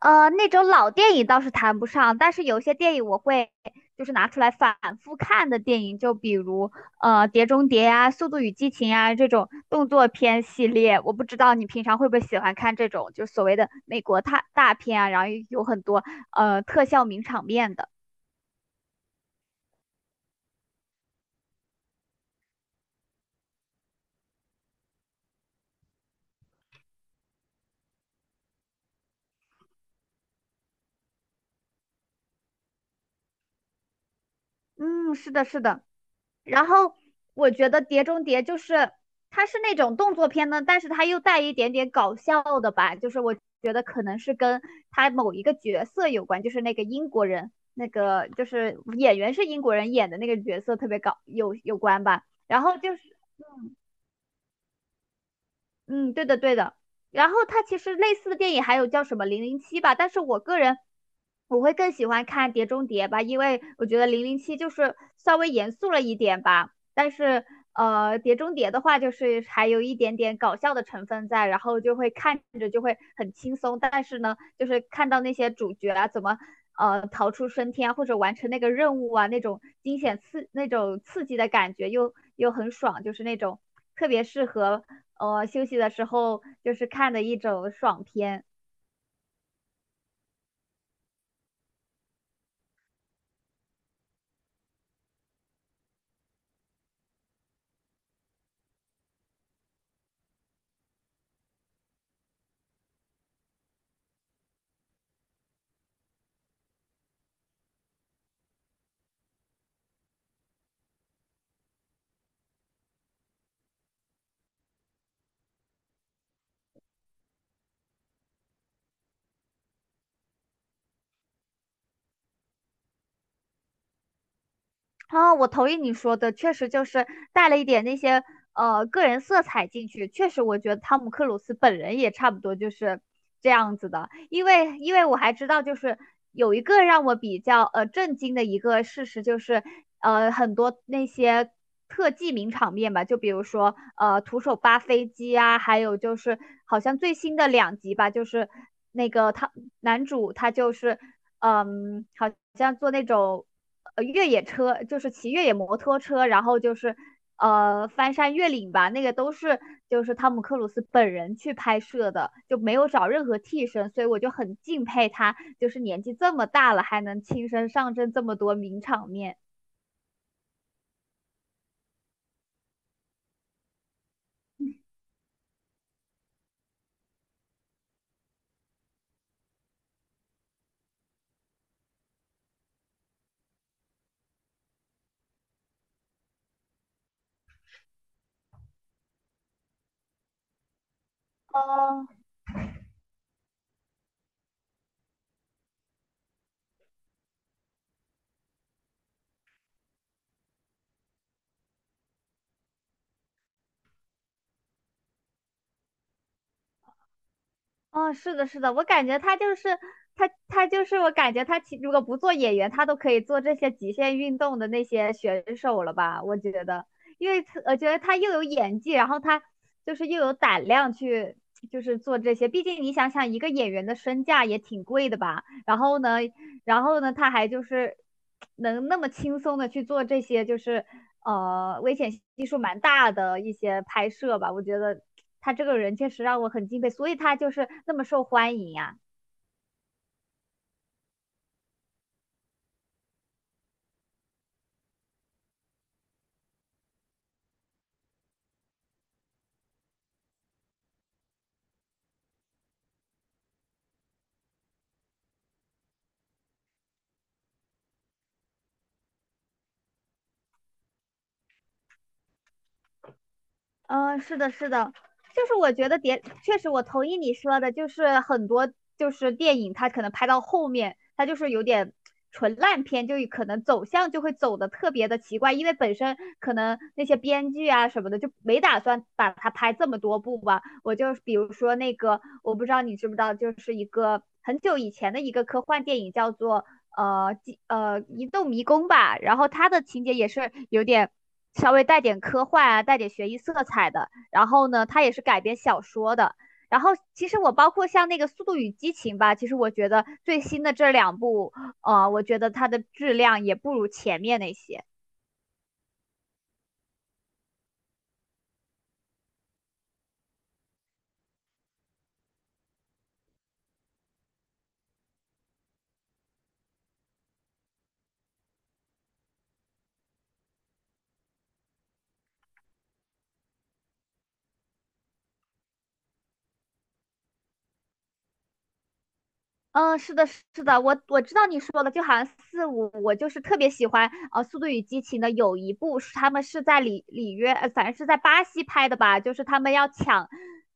那种老电影倒是谈不上，但是有些电影我会就是拿出来反复看的电影，就比如《碟中谍》啊，《速度与激情》啊这种动作片系列。我不知道你平常会不会喜欢看这种，就是所谓的美国大片啊，然后有很多特效名场面的。嗯，是的，是的。然后我觉得《碟中谍》就是它是那种动作片呢，但是它又带一点点搞笑的吧，就是我觉得可能是跟它某一个角色有关，就是那个英国人，那个就是演员是英国人演的那个角色特别搞有关吧。然后就是嗯，对的，对的。然后它其实类似的电影还有叫什么《零零七》吧，但是我个人我会更喜欢看《碟中谍》吧，因为我觉得《零零七》就是稍微严肃了一点吧，但是《碟中谍》的话就是还有一点点搞笑的成分在，然后就会看着就会很轻松，但是呢，就是看到那些主角啊怎么逃出升天啊或者完成那个任务啊，那种惊险那种刺激的感觉又很爽，就是那种特别适合休息的时候就是看的一种爽片。啊，我同意你说的，确实就是带了一点那些个人色彩进去。确实，我觉得汤姆克鲁斯本人也差不多就是这样子的，因为我还知道，就是有一个让我比较震惊的一个事实，就是很多那些特技名场面吧，就比如说徒手扒飞机啊，还有就是好像最新的两集吧，就是那个他男主他就是好像做那种。越野车，就是骑越野摩托车，然后就是翻山越岭吧，那个都是就是汤姆克鲁斯本人去拍摄的，就没有找任何替身，所以我就很敬佩他，就是年纪这么大了还能亲身上阵这么多名场面。哦，哦，是的，是的，我感觉他就是他就是我感觉他如果不做演员，他都可以做这些极限运动的那些选手了吧？我觉得，因为他我觉得他又有演技，然后他就是又有胆量去就是做这些。毕竟你想想，一个演员的身价也挺贵的吧？然后呢，然后呢,他还就是能那么轻松的去做这些，就是危险系数蛮大的一些拍摄吧。我觉得他这个人确实让我很敬佩，所以他就是那么受欢迎呀、啊嗯，是的，是的，就是我觉得确实我同意你说的，就是很多就是电影它可能拍到后面，它就是有点纯烂片，就可能走向就会走的特别的奇怪，因为本身可能那些编剧啊什么的就没打算把它拍这么多部吧。我就比如说那个，我不知道你知不知道，就是一个很久以前的一个科幻电影叫做呃几呃一栋迷宫吧，然后它的情节也是有点稍微带点科幻啊，带点悬疑色彩的。然后呢，它也是改编小说的。然后其实我包括像那个《速度与激情》吧，其实我觉得最新的这两部，我觉得它的质量也不如前面那些。嗯，是的，是的，我知道你说的，就好像四五，我就是特别喜欢《速度与激情》的有一部是他们是在里约，反正是在巴西拍的吧，就是他们要抢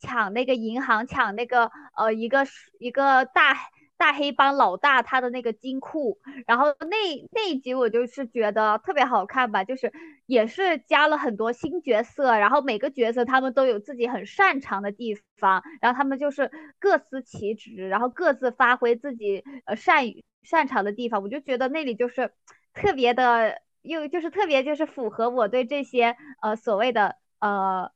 抢那个银行，抢那个呃一个一个大黑帮老大他的那个金库，然后那一集我就是觉得特别好看吧，就是也是加了很多新角色，然后每个角色他们都有自己很擅长的地方，然后他们就是各司其职，然后各自发挥自己呃善于擅长的地方，我就觉得那里就是特别的，又就是特别就是符合我对这些所谓的呃。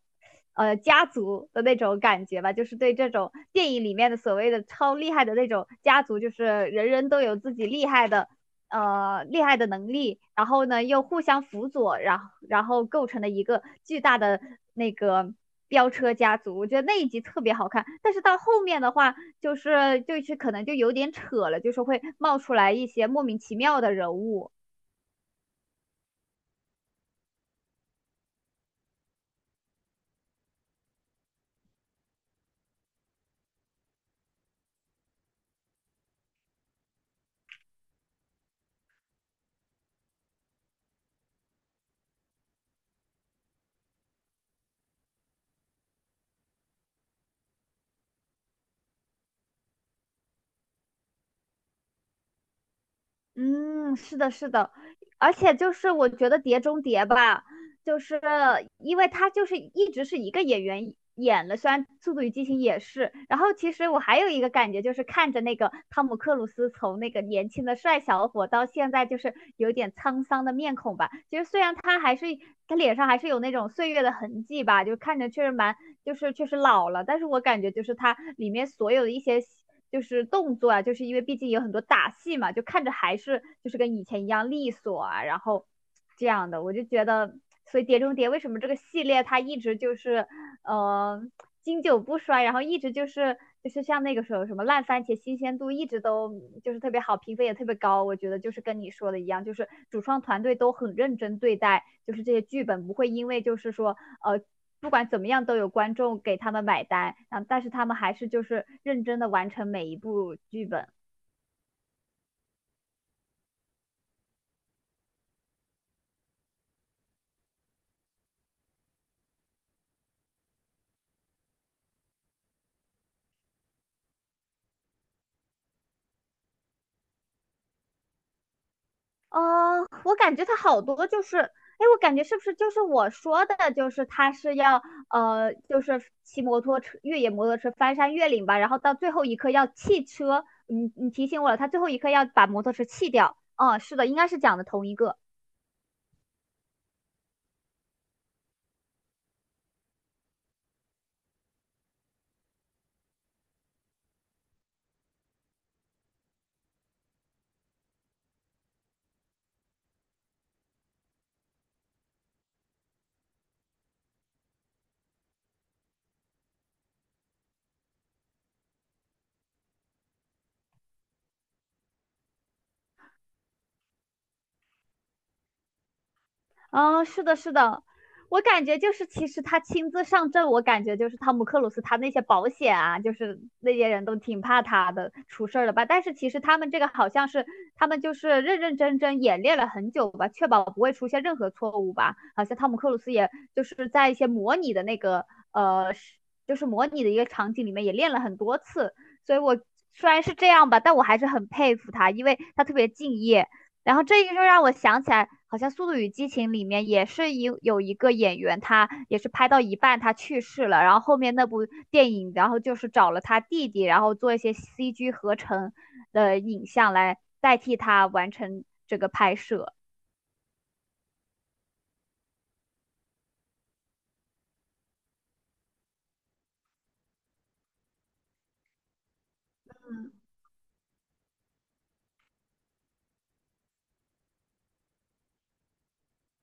呃，家族的那种感觉吧，就是对这种电影里面的所谓的超厉害的那种家族，就是人人都有自己厉害的能力，然后呢又互相辅佐，然后构成了一个巨大的那个飙车家族。我觉得那一集特别好看，但是到后面的话，就是就是可能就有点扯了，就是会冒出来一些莫名其妙的人物。嗯，是的，是的，而且就是我觉得《碟中谍》吧，就是因为他就是一直是一个演员演了，虽然《速度与激情》也是，然后其实我还有一个感觉就是看着那个汤姆克鲁斯从那个年轻的帅小伙到现在就是有点沧桑的面孔吧，其实虽然他还是他脸上还是有那种岁月的痕迹吧，就看着确实蛮。就是确实老了，但是我感觉就是它里面所有的一些就是动作啊，就是因为毕竟有很多打戏嘛，就看着还是就是跟以前一样利索啊，然后这样的，我就觉得，所以《碟中谍》为什么这个系列它一直就是嗯。呃经久不衰，然后一直就是像那个时候什么烂番茄新鲜度一直都就是特别好，评分也特别高。我觉得就是跟你说的一样，就是主创团队都很认真对待，就是这些剧本不会因为就是说呃不管怎么样都有观众给他们买单，然但是他们还是就是认真的完成每一部剧本。哦，我感觉他好多就是，哎，我感觉是不是就是我说的，就是他是要就是骑摩托车、越野摩托车翻山越岭吧，然后到最后一刻要弃车，你提醒我了，他最后一刻要把摩托车弃掉。哦，是的，应该是讲的同一个。啊，是的，是的，我感觉就是，其实他亲自上阵，我感觉就是汤姆克鲁斯他那些保险啊，就是那些人都挺怕他的，出事儿了吧？但是其实他们这个好像是他们就是认认真真演练了很久吧，确保不会出现任何错误吧？好像汤姆克鲁斯也就是在一些模拟的那个呃，就是模拟的一个场景里面也练了很多次，所以我虽然是这样吧，但我还是很佩服他，因为他特别敬业，然后这个就让我想起来，好像《速度与激情》里面也是有一个演员，他也是拍到一半他去世了，然后后面那部电影，然后就是找了他弟弟，然后做一些 CG 合成的影像来代替他完成这个拍摄。嗯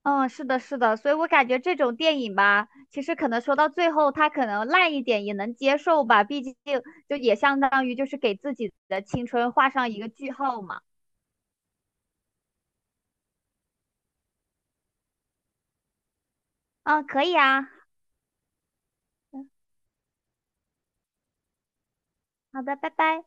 嗯，是的，是的，所以我感觉这种电影吧，其实可能说到最后，他可能烂一点也能接受吧，毕竟就也相当于就是给自己的青春画上一个句号嘛。嗯，可以啊，嗯好的，拜拜。